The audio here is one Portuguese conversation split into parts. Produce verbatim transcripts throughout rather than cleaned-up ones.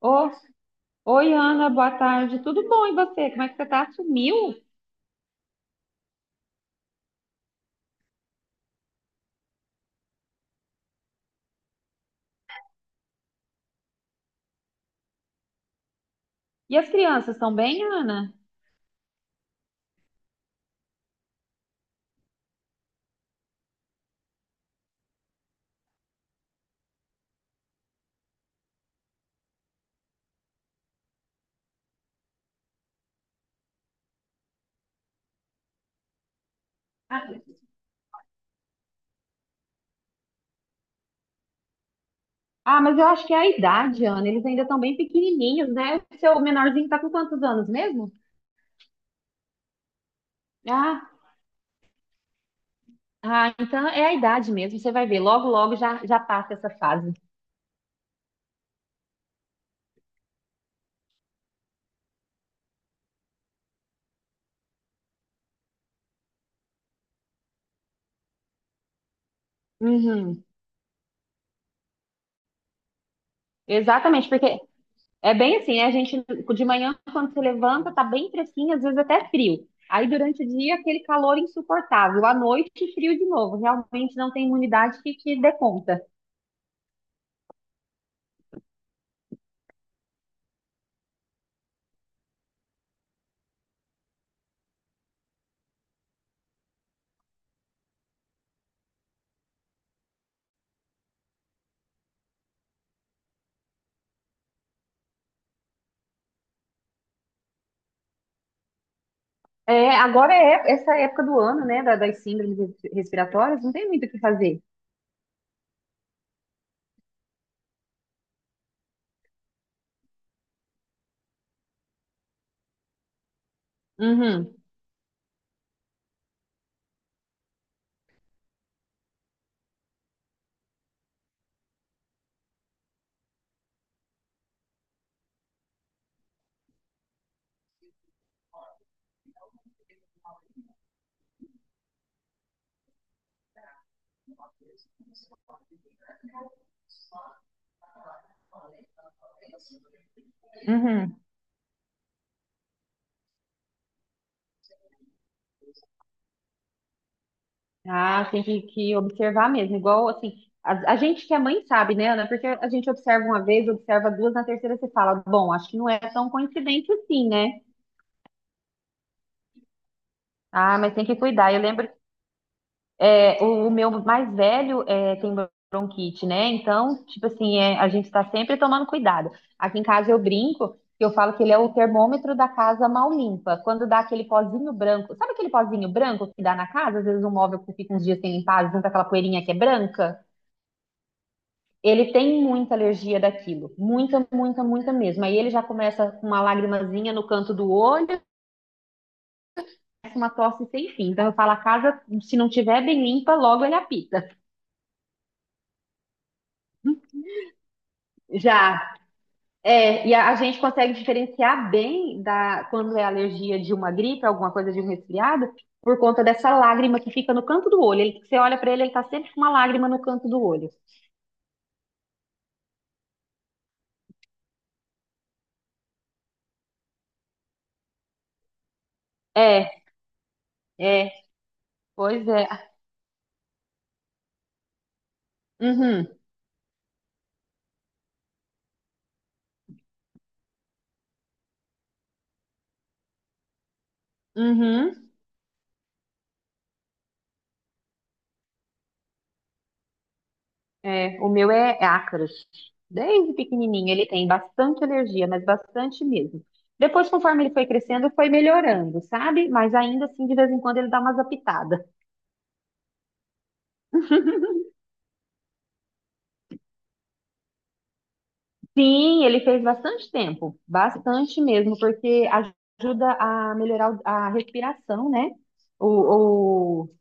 Ô, oi, Ana, boa tarde. Tudo bom e você? Como é que você tá? Sumiu? E as crianças estão bem, Ana? Ah, mas eu acho que é a idade, Ana. Eles ainda estão bem pequenininhos, né? O seu menorzinho tá com quantos anos mesmo? Ah, ah, então é a idade mesmo. Você vai ver. Logo, logo já, já passa essa fase. Uhum. Exatamente, porque É bem assim, né? A gente, de manhã, quando você levanta, tá bem fresquinho, às vezes até frio. Aí, durante o dia, aquele calor insuportável. À noite, frio de novo. Realmente não tem imunidade que, que dê conta. É, agora é essa época do ano, né? Da- das síndromes respiratórias, não tem muito o que fazer. Uhum, uhum. Ah, tem que, que observar mesmo. Igual, assim, a, a gente que é mãe sabe, né, Ana? Porque a gente observa uma vez, observa duas, na terceira você fala, bom, acho que não é tão coincidente assim, né? Ah, mas tem que cuidar. Eu lembro. É, o, o meu mais velho é, tem bronquite, né? Então, tipo assim, é, a gente está sempre tomando cuidado. Aqui em casa eu brinco, que eu falo que ele é o termômetro da casa mal limpa. Quando dá aquele pozinho branco, sabe aquele pozinho branco que dá na casa? Às vezes um móvel que fica uns dias sem limpar, junto aquela poeirinha que é branca. Ele tem muita alergia daquilo, muita, muita, muita mesmo. Aí ele já começa com uma lagrimazinha no canto do olho, começa uma tosse sem fim. Então eu falo, a casa, se não tiver bem limpa, logo ele apita. Já. É, e a, a gente consegue diferenciar bem da quando é alergia de uma gripe, alguma coisa de um resfriado, por conta dessa lágrima que fica no canto do olho. Ele, você olha pra ele, ele tá sempre com uma lágrima no canto do olho. É, é, pois é. Uhum, uhum. É, o meu é, é ácaros. Desde pequenininho ele tem bastante alergia, mas bastante mesmo. Depois, conforme ele foi crescendo, foi melhorando, sabe? Mas ainda assim, de vez em quando ele dá umas apitadas. Sim, ele fez bastante tempo, bastante mesmo, porque ajuda a melhorar o- a respiração, né? O, o-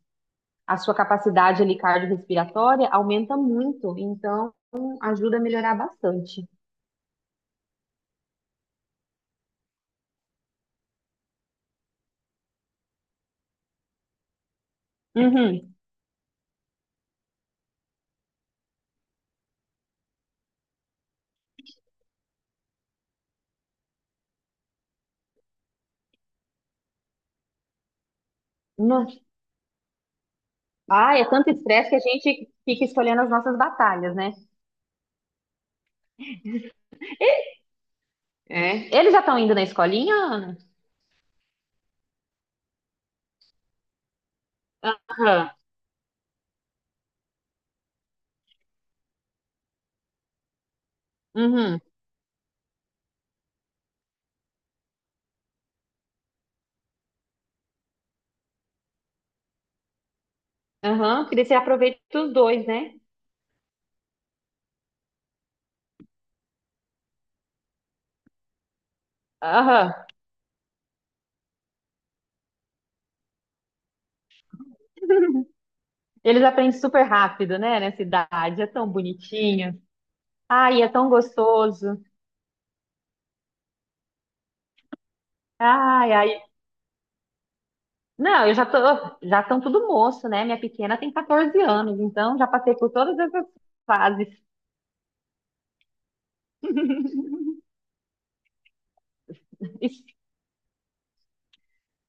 a sua capacidade ali cardiorrespiratória aumenta muito, então ajuda a melhorar bastante. Uhum. No- Ah, é tanto estresse que a gente fica escolhendo as nossas batalhas, né? É. Eles já estão indo na escolinha, Ana? Aham. Uhum. Aham, porque daí você aproveita os dois, né? Aham. Eles aprendem super rápido, né? Nessa idade. É tão bonitinho. Ai, é tão gostoso. Ai, ai. Não, eu já tô. Já estão tudo moço, né? Minha pequena tem quatorze anos, então já passei por todas essas fases. Es-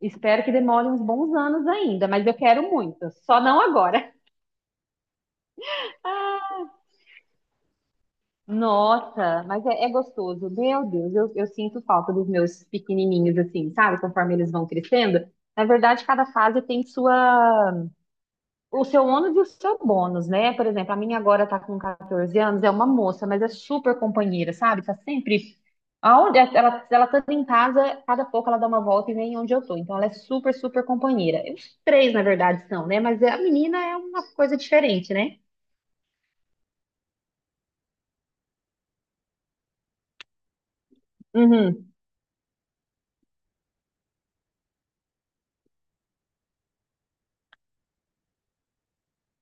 Espero que demore uns bons anos ainda, mas eu quero muito. Só não agora. Nossa, mas é, é gostoso. Meu Deus, eu, eu sinto falta dos meus pequenininhos, assim, sabe? Conforme eles vão crescendo. Na verdade, cada fase tem sua o seu ônus e o seu bônus, né? Por exemplo, a minha agora tá com quatorze anos, é uma moça, mas é super companheira, sabe? Tá sempre. Aonde é, ela, ela tá em casa, cada pouco ela dá uma volta e vem onde eu tô. Então ela é super, super companheira. Os três, na verdade, são, né? Mas a menina é uma coisa diferente, né? Uhum.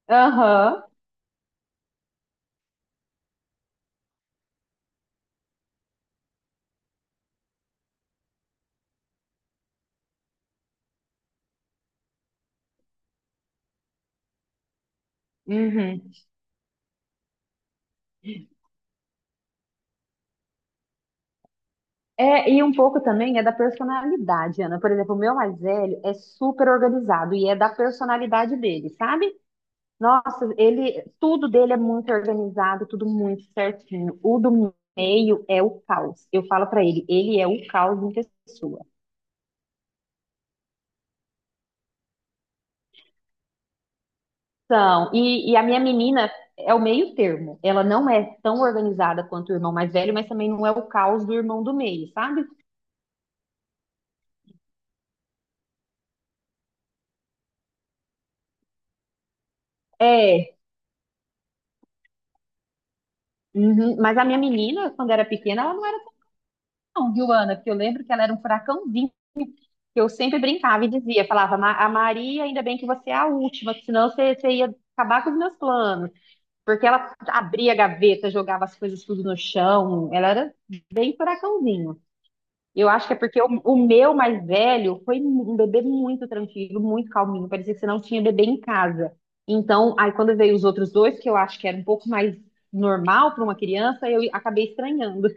Aham. Uhum. É, e um pouco também é da personalidade, Ana. Por exemplo, o meu mais velho é super organizado e é da personalidade dele, sabe? Nossa, ele, tudo dele é muito organizado, tudo muito certinho. O do meio é o caos. Eu falo pra ele, ele é o caos em pessoa. Então, e, e a minha menina é o meio termo. Ela não é tão organizada quanto o irmão mais velho, mas também não é o caos do irmão do meio, sabe? É, uhum. Mas a minha menina, quando era pequena, ela não era tão, viu, Ana? Porque eu lembro que ela era um furacãozinho. Que Eu sempre brincava e dizia, falava, "Ma- a Maria, ainda bem que você é a última, que senão você, você ia acabar com os meus planos." Porque ela abria a gaveta, jogava as coisas tudo no chão. Ela era bem furacãozinho. Eu acho que é porque o, o meu mais velho foi um um bebê muito tranquilo, muito calminho. Parecia que você não tinha bebê em casa. Então, aí quando veio os outros dois, que eu acho que era um pouco mais normal para uma criança, eu acabei estranhando.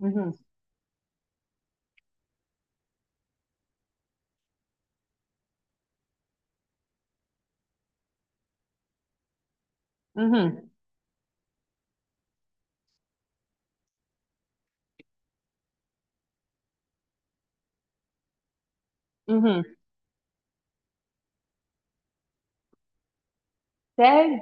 Uhum, uhum, uhum. Sério?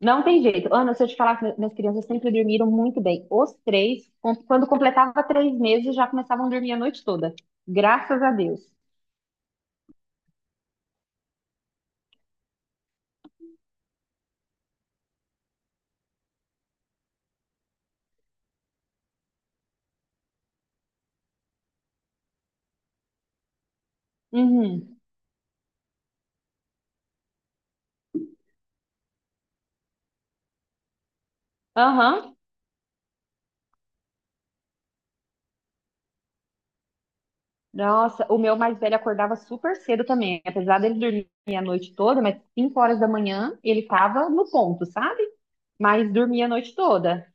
Não tem jeito. Ana, se eu te falar que minhas crianças sempre dormiram muito bem. Os três, com- quando completava três meses, já começavam a dormir a noite toda. Graças a Deus. Uhum. Aham. Nossa, o meu mais velho acordava super cedo também. Apesar dele dormir a noite toda, mas cinco horas da manhã ele tava no ponto, sabe? Mas dormia a noite toda.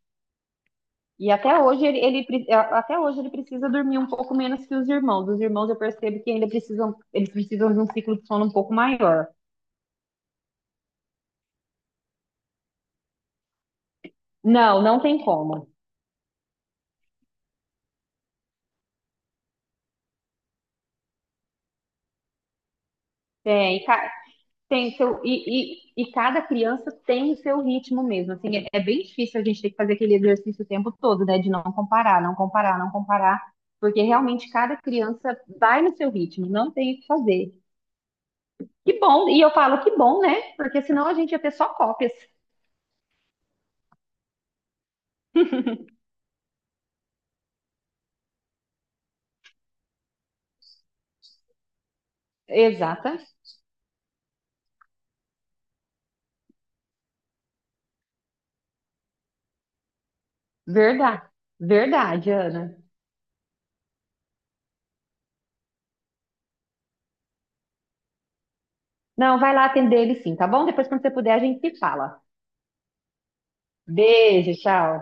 E até hoje ele, ele pre- até hoje ele precisa dormir um pouco menos que os irmãos. Os irmãos eu percebo que ainda precisam, eles precisam de um ciclo de sono um pouco maior. Não, não tem como. Tem. Tem seu, e, e, e cada criança tem o seu ritmo mesmo. Assim, é, é bem difícil a gente ter que fazer aquele exercício o tempo todo, né? De não comparar, não comparar, não comparar, porque realmente cada criança vai no seu ritmo, não tem o que fazer. Que bom, e eu falo que bom, né? Porque senão a gente ia ter só cópias. Exata, Verdade, verdade, Ana. Não, vai lá atender ele sim, tá bom? Depois, quando você puder, a gente se fala. Beijo, tchau.